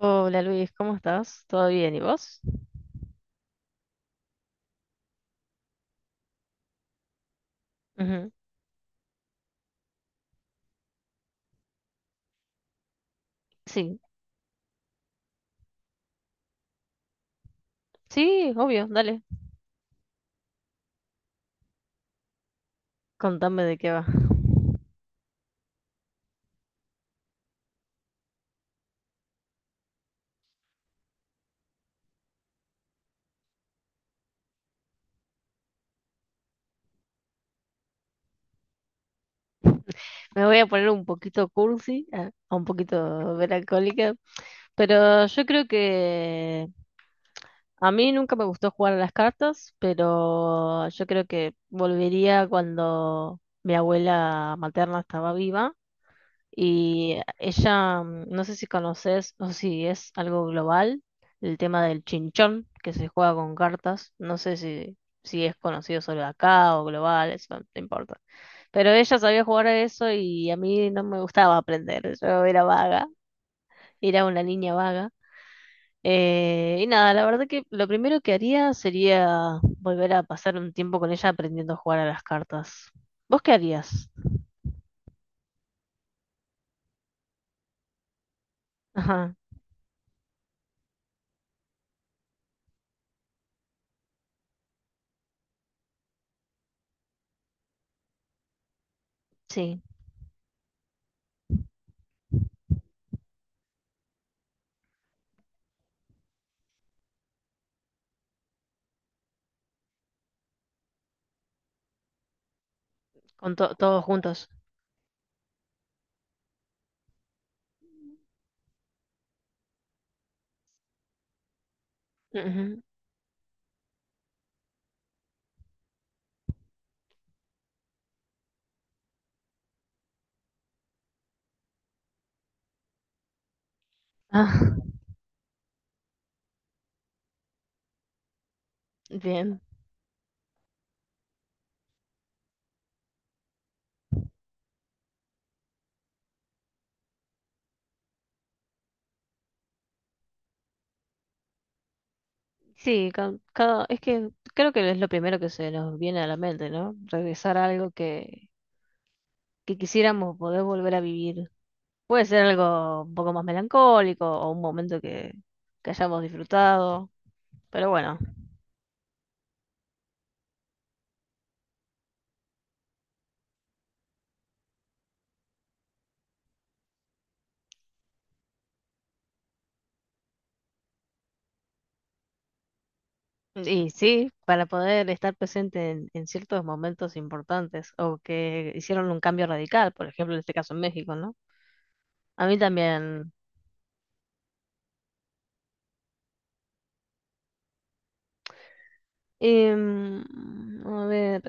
Hola Luis, ¿cómo estás? ¿Todo bien? ¿Y vos? Ujú. Sí, sí, obvio, dale. Contame de qué va. Me voy a poner un poquito cursi, un poquito melancólica, pero yo creo que a mí nunca me gustó jugar a las cartas, pero yo creo que volvería cuando mi abuela materna estaba viva. Y ella, no sé si conoces o si es algo global, el tema del chinchón, que se juega con cartas. No sé si es conocido solo acá o global, eso no te importa. Pero ella sabía jugar a eso y a mí no me gustaba aprender. Yo era vaga, era una niña vaga. Y nada, la verdad que lo primero que haría sería volver a pasar un tiempo con ella aprendiendo a jugar a las cartas. ¿Vos qué harías? Ajá, sí, con todos juntos. Ujú. Ah, bien. Sí, cada, es que creo que es lo primero que se nos viene a la mente, ¿no? Regresar a algo que quisiéramos poder volver a vivir. Puede ser algo un poco más melancólico o un momento que hayamos disfrutado, pero bueno. Y sí, para poder estar presente en ciertos momentos importantes o que hicieron un cambio radical, por ejemplo, en este caso en México, ¿no? A mí también. A ver,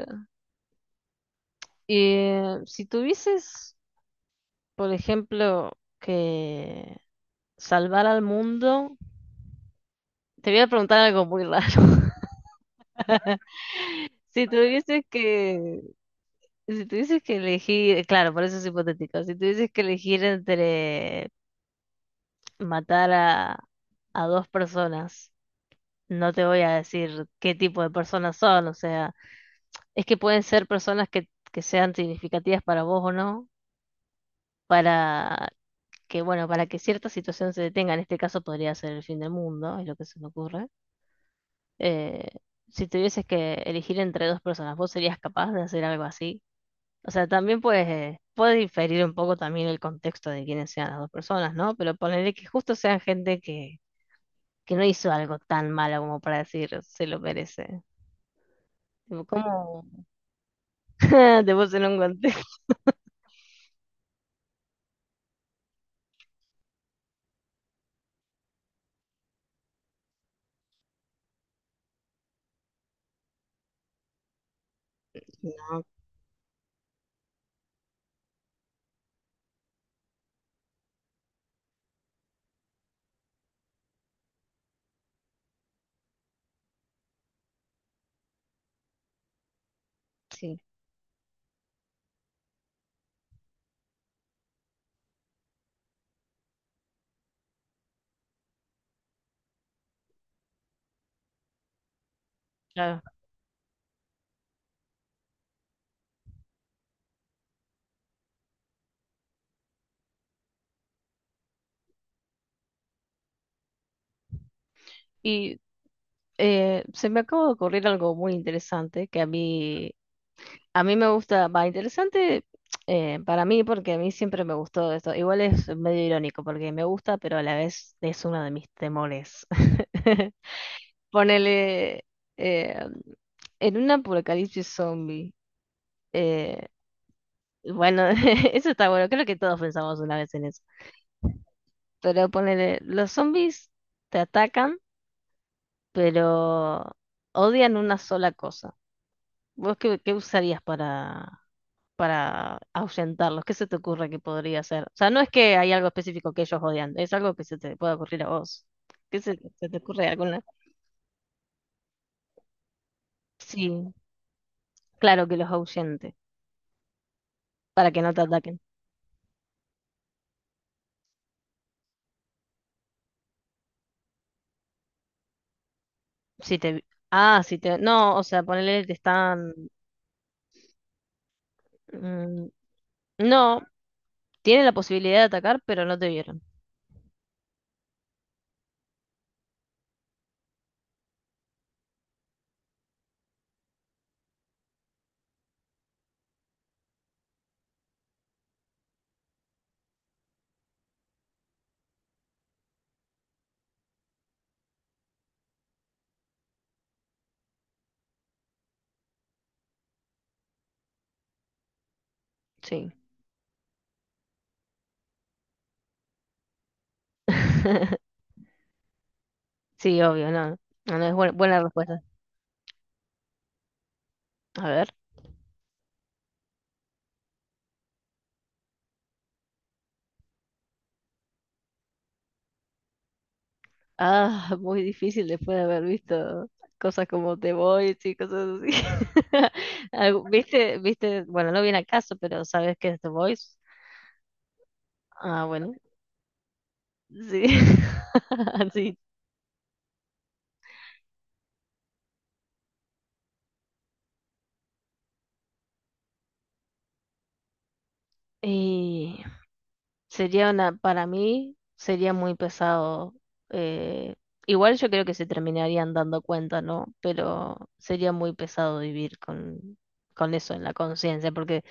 si tuvieses... Por ejemplo, que salvar al mundo. Te voy a preguntar algo muy raro. Si si tuvieses que elegir, claro, por eso es hipotético. Si tuvieses que elegir entre matar a dos personas, no te voy a decir qué tipo de personas son, o sea, es que pueden ser personas que sean significativas para vos o no. Que bueno, para que cierta situación se detenga, en este caso podría ser el fin del mundo, es lo que se me ocurre. Eh, si tuvieses que elegir entre dos personas, ¿vos serías capaz de hacer algo así? O sea, también puedes, puede diferir un poco también el contexto de quiénes sean las dos personas, ¿no? Pero ponerle que justo sean gente que no hizo algo tan malo como para decir se lo merece. Tipo, ¿cómo te puse en un contexto? No, sí, claro. Y se me acaba de ocurrir algo muy interesante que a mí. A mí me gusta, va, interesante, para mí porque a mí siempre me gustó esto. Igual es medio irónico porque me gusta, pero a la vez es uno de mis temores. Ponele eh, en un apocalipsis zombie. eh, bueno, eso está bueno, creo que todos pensamos una vez en eso. Pero ponele, los zombies te atacan, pero odian una sola cosa. ¿Vos qué, qué usarías para ahuyentarlos? ¿Qué se te ocurre que podría hacer? O sea, no es que hay algo específico que ellos odian, es algo que se te pueda ocurrir a vos. ¿Qué se te ocurre alguna? Sí, claro que los ahuyente, para que no te ataquen. Si te... Ah, si te... No, o sea, ponele, te están... Mm, no. Tienen la posibilidad de atacar, pero no te vieron. Sí. Sí, obvio, no. No, no es buena respuesta. A ver. Ah, muy difícil después de haber visto cosas como The Voice y cosas así. Algo- ¿Viste? ¿Viste? Bueno, no viene al caso, pero ¿sabes qué es The Voice? Ah, bueno. Sí, sí. Y sería una, para mí sería muy pesado. eh, Igual yo creo que se terminarían dando cuenta, ¿no? Pero sería muy pesado vivir con eso en la conciencia, porque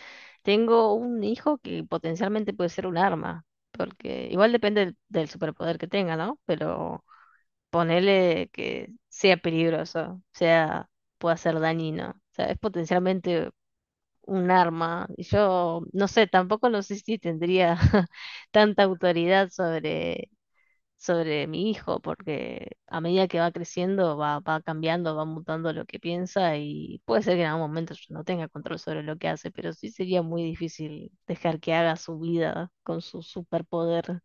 tengo un hijo que potencialmente puede ser un arma, porque igual depende del superpoder que tenga, ¿no? Pero ponerle que sea peligroso, sea, pueda ser dañino. O sea, es potencialmente un arma. Yo no sé, tampoco lo sé si tendría tanta autoridad sobre mi hijo, porque a medida que va creciendo, va cambiando, va mutando lo que piensa y puede ser que en algún momento yo no tenga control sobre lo que hace, pero sí sería muy difícil dejar que haga su vida con su superpoder.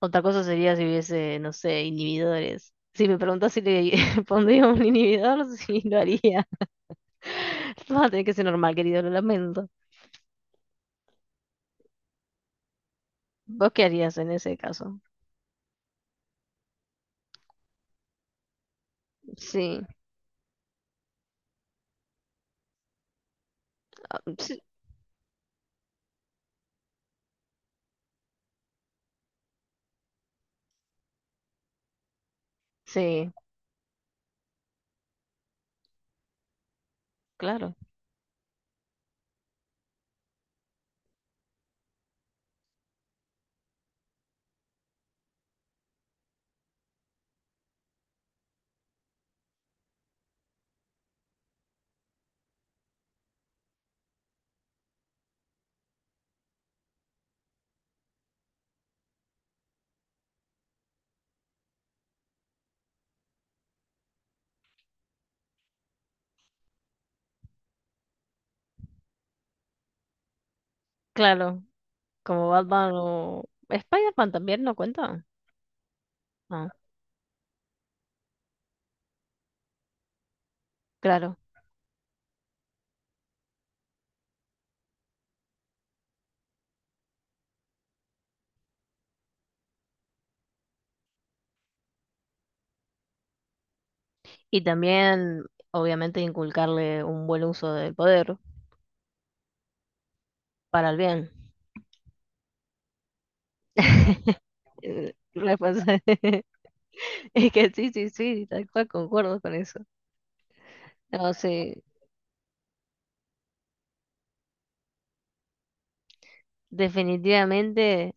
Otra cosa sería si hubiese, no sé, inhibidores. Si me preguntas si le pondría un inhibidor, sí lo haría. Va a tener que ser normal, querido, lo lamento. ¿Vos qué harías en ese caso? Sí, sí, sí, claro, claro. Como Batman o Spider-Man también no cuenta. Ah, claro. Y también, obviamente, inculcarle un buen uso del poder para el bien. Eh, responsa- Es que sí, sí, sí, tal cual concuerdo con eso. No, sí, definitivamente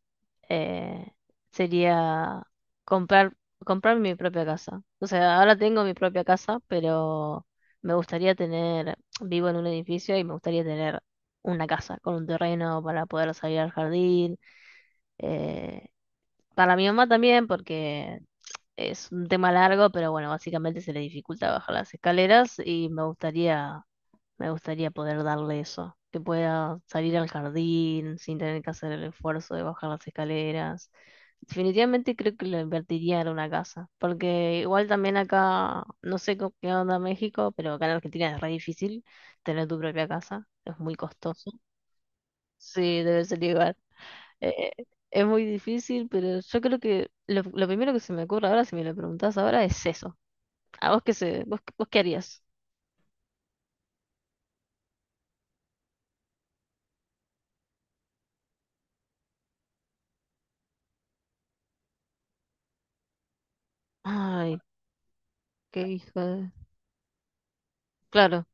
eh, sería comprar, comprar mi propia casa. O sea, ahora tengo mi propia casa, pero me gustaría tener, vivo en un edificio y me gustaría tener una casa con un terreno para poder salir al jardín. eh, para mi mamá también, porque es un tema largo, pero bueno, básicamente se le dificulta bajar las escaleras y me gustaría poder darle eso, que pueda salir al jardín sin tener que hacer el esfuerzo de bajar las escaleras. Definitivamente creo que lo invertiría en una casa, porque igual también acá, no sé qué onda México, pero acá en Argentina es re difícil tener tu propia casa, es muy costoso. Sí, debe ser igual. Eh, es muy difícil, pero yo creo que lo primero que se me ocurre ahora, si me lo preguntás ahora, es eso. ¿A vos qué vos qué harías? Ay, qué hijo de... Claro.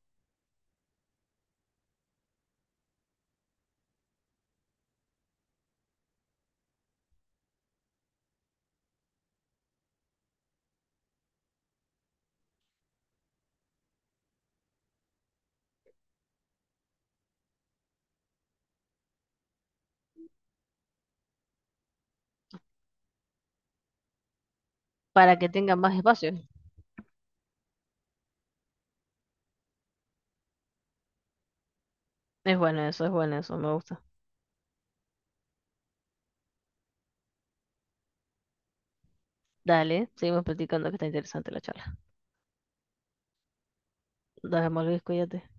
Para que tengan más espacio. Es bueno eso, me gusta. Dale, seguimos platicando que está interesante la charla. Nos vemos, Luis, cuídate.